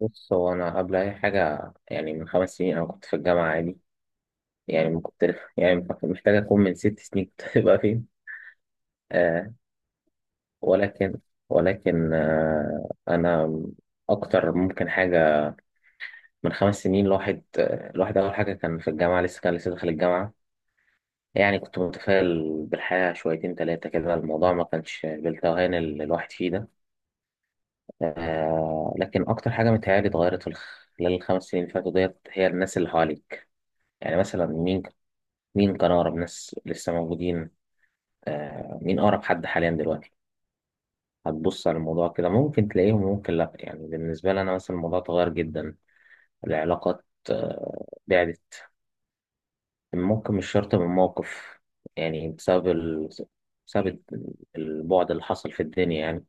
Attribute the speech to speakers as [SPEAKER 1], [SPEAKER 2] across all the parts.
[SPEAKER 1] بص، هو أنا قبل أي حاجة يعني من 5 سنين أنا كنت في الجامعة عادي. يعني ما كنت يعني محتاج أكون من 6 سنين كنت هبقى فين. آه ولكن ولكن أنا أكتر ممكن حاجة. من 5 سنين الواحد الواحد أول حاجة كان في الجامعة لسه، كان لسه داخل الجامعة. يعني كنت متفائل بالحياة شويتين تلاتة كده، الموضوع ما كانش بالتوهان اللي الواحد فيه ده. آه لكن أكتر حاجة متهيألي اتغيرت في خلال الخمس سنين اللي فاتوا ديت هي الناس اللي حواليك. يعني مثلا مين كان أقرب ناس لسه موجودين؟ آه، مين أقرب حد حاليا دلوقتي؟ هتبص على الموضوع كده ممكن تلاقيهم، ممكن لأ. يعني بالنسبة لي أنا مثلا الموضوع اتغير جدا. العلاقات آه بعدت، ممكن مش شرط من موقف، يعني بسبب البعد اللي حصل في الدنيا يعني.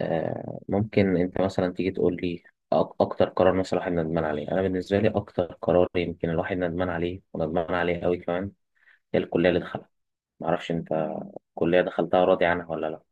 [SPEAKER 1] آه ممكن أنت مثلا تيجي تقول لي أكتر قرار مثلا الواحد ندمان عليه. أنا بالنسبة لي أكتر قرار يمكن الواحد ندمان عليه، وندمان عليه أوي كمان، هي الكلية اللي دخلها. معرفش أنت، الكلية دخلتها راضي عنها ولا لأ؟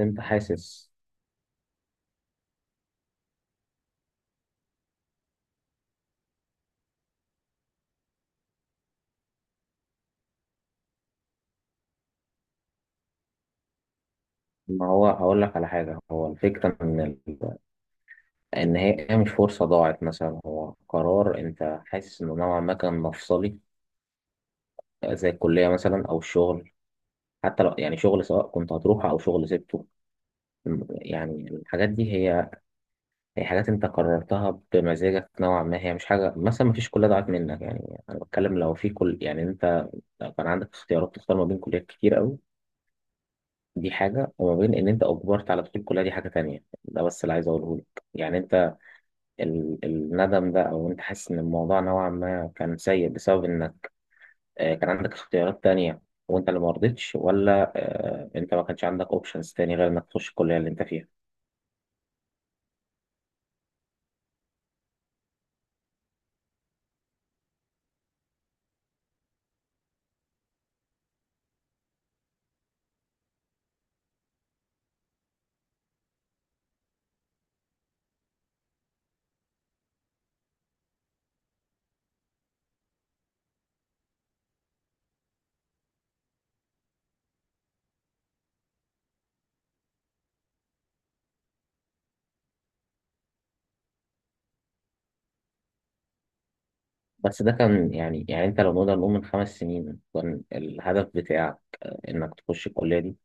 [SPEAKER 1] انت حاسس؟ ما هو هقول لك على حاجة. هو الفكرة ان ال... ان هي مش فرصة ضاعت مثلا، هو قرار انت حاسس انه نوعا ما كان مفصلي، زي الكلية مثلا او الشغل. حتى لو يعني شغل، سواء كنت هتروحه او شغل سبته. يعني الحاجات دي هي حاجات انت قررتها بمزاجك نوعا ما، هي مش حاجة مثلا، ما فيش كلية ضاعت منك. يعني انا بتكلم لو في كل، يعني انت لو كان عندك اختيارات تختار ما بين كليات كتير قوي، دي حاجة، وما بين ان انت اجبرت على دخول الكلية دي، حاجة تانية. ده بس اللي عايز اقوله لك. يعني انت الندم ده، او انت حاسس ان الموضوع نوعا ما كان سيء بسبب انك كان عندك اختيارات تانية وانت اللي ما رضيتش، ولا انت ما كانش عندك اوبشنز تاني غير انك تخش الكلية اللي انت فيها؟ بس ده كان يعني، يعني انت لو نقدر نقول من 5 سنين كان الهدف بتاعك انك تخش الكلية دي.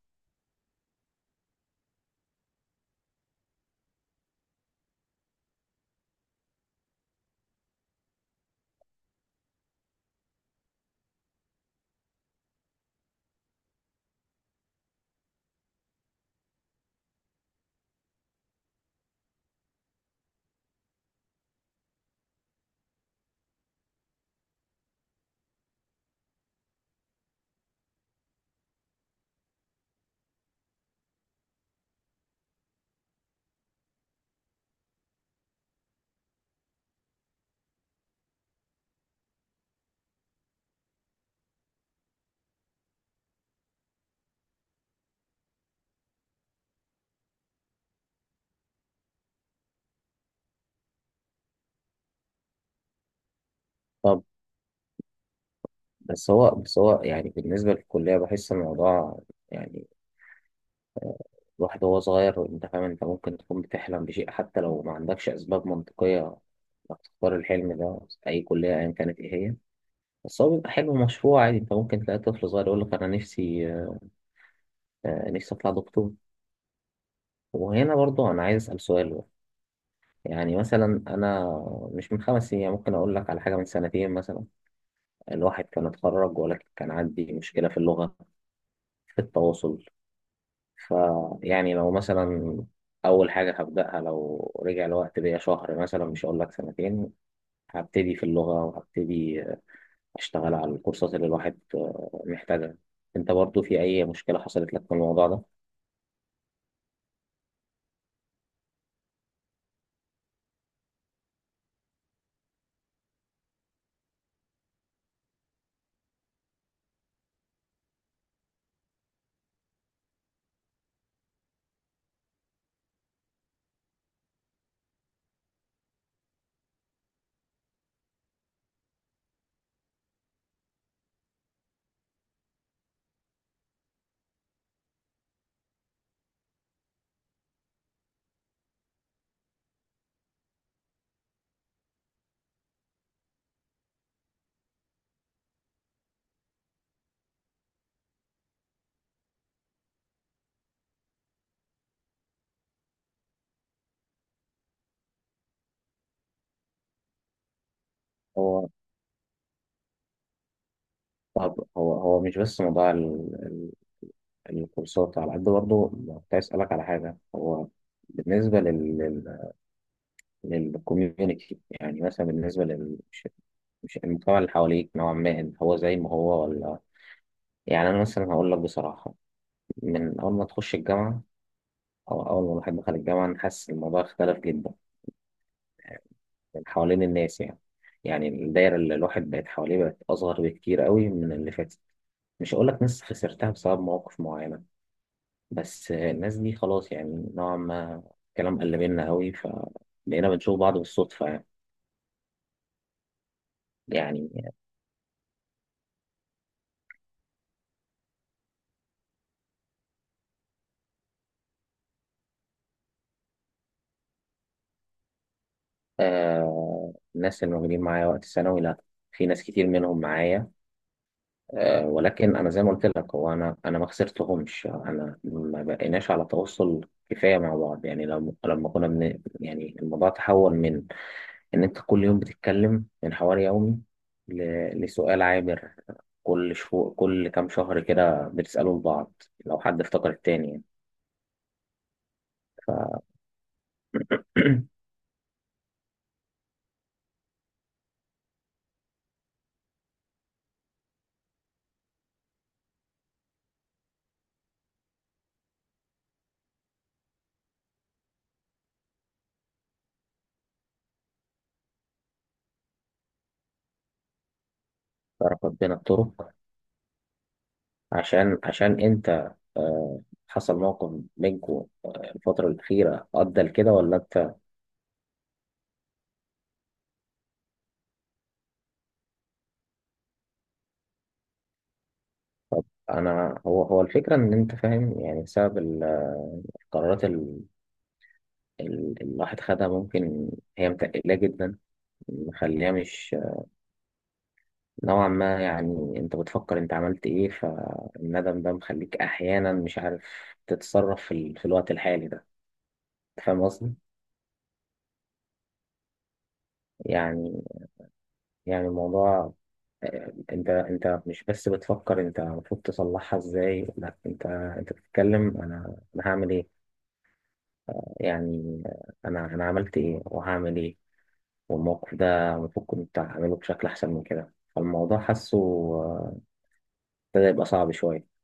[SPEAKER 1] طب، بس هو يعني بالنسبة للكلية بحس الموضوع. يعني الواحد وهو صغير، انت فاهم، انت ممكن تكون بتحلم بشيء حتى لو ما عندكش اسباب منطقية انك تختار الحلم ده. اي كلية ايا كانت ايه هي، بس هو بيبقى حلو. مشروع عادي، انت ممكن تلاقي طفل صغير يقول لك انا نفسي، نفسي اطلع دكتور. وهنا برضه انا عايز اسال سؤال بقى. يعني مثلا انا مش من 5 سنين يعني، ممكن اقول لك على حاجه من سنتين مثلا. الواحد كان اتخرج ولكن كان عندي مشكله في اللغه، في التواصل. فيعني لو مثلا اول حاجه هبداها لو رجع الوقت بيا شهر مثلا، مش هقول لك سنتين، هبتدي في اللغه وهبتدي اشتغل على الكورسات اللي الواحد محتاجها. انت برضو في اي مشكله حصلت لك في الموضوع ده؟ هو طب هو مش بس موضوع الكورسات، على قد برضه كنت عايز أسألك على حاجة. هو بالنسبة لل للكوميونيتي، يعني مثلا بالنسبة لل، مش المجتمع اللي حواليك نوعا ما هو زي ما هو، ولا؟ يعني أنا مثلا هقول لك بصراحة، من أول ما تخش الجامعة أو أول ما الواحد دخل الجامعة، أنا حاسس إن الموضوع اختلف جدا من حوالين الناس يعني. يعني الدايرة اللي الواحد بقت حواليه بقت أصغر بكتير قوي من اللي فاتت. مش هقول لك ناس خسرتها بسبب مواقف معينة، بس الناس دي خلاص يعني نوعا ما الكلام قل منها قوي، فبقينا بنشوف بعض بالصدفة يعني. يعني آه، الناس اللي موجودين معايا وقت الثانوي، لا، في ناس كتير منهم معايا. آه ولكن أنا زي ما قلت لك، هو أنا ما خسرتهمش، أنا ما بقيناش على تواصل كفاية مع بعض. يعني لما كنا يعني الموضوع تحول من ان انت كل يوم بتتكلم محور يومي لسؤال عابر كل شهور، كل كام شهر كده، بتسأله لبعض لو حد افتكر التاني يعني. تعرف بين الطرق؟ عشان انت آه، حصل موقف بينكوا الفترة الأخيرة أدى لكده، ولا أنت؟ أنا هو الفكرة إن أنت فاهم يعني، بسبب القرارات اللي الواحد خدها، ممكن هي متقلقة جدا مخليها مش نوعا ما. يعني انت بتفكر انت عملت ايه، فالندم ده مخليك احيانا مش عارف تتصرف في الوقت الحالي ده. انت فاهم قصدي؟ يعني، يعني الموضوع انت مش بس بتفكر انت المفروض تصلحها ازاي، لا، انت بتتكلم انا هعمل ايه، يعني انا عملت ايه وهعمل ايه، والموقف ده المفروض كنت اعمله بشكل احسن من كده. فالموضوع حاسه آه، ابتدى يبقى صعب شوية.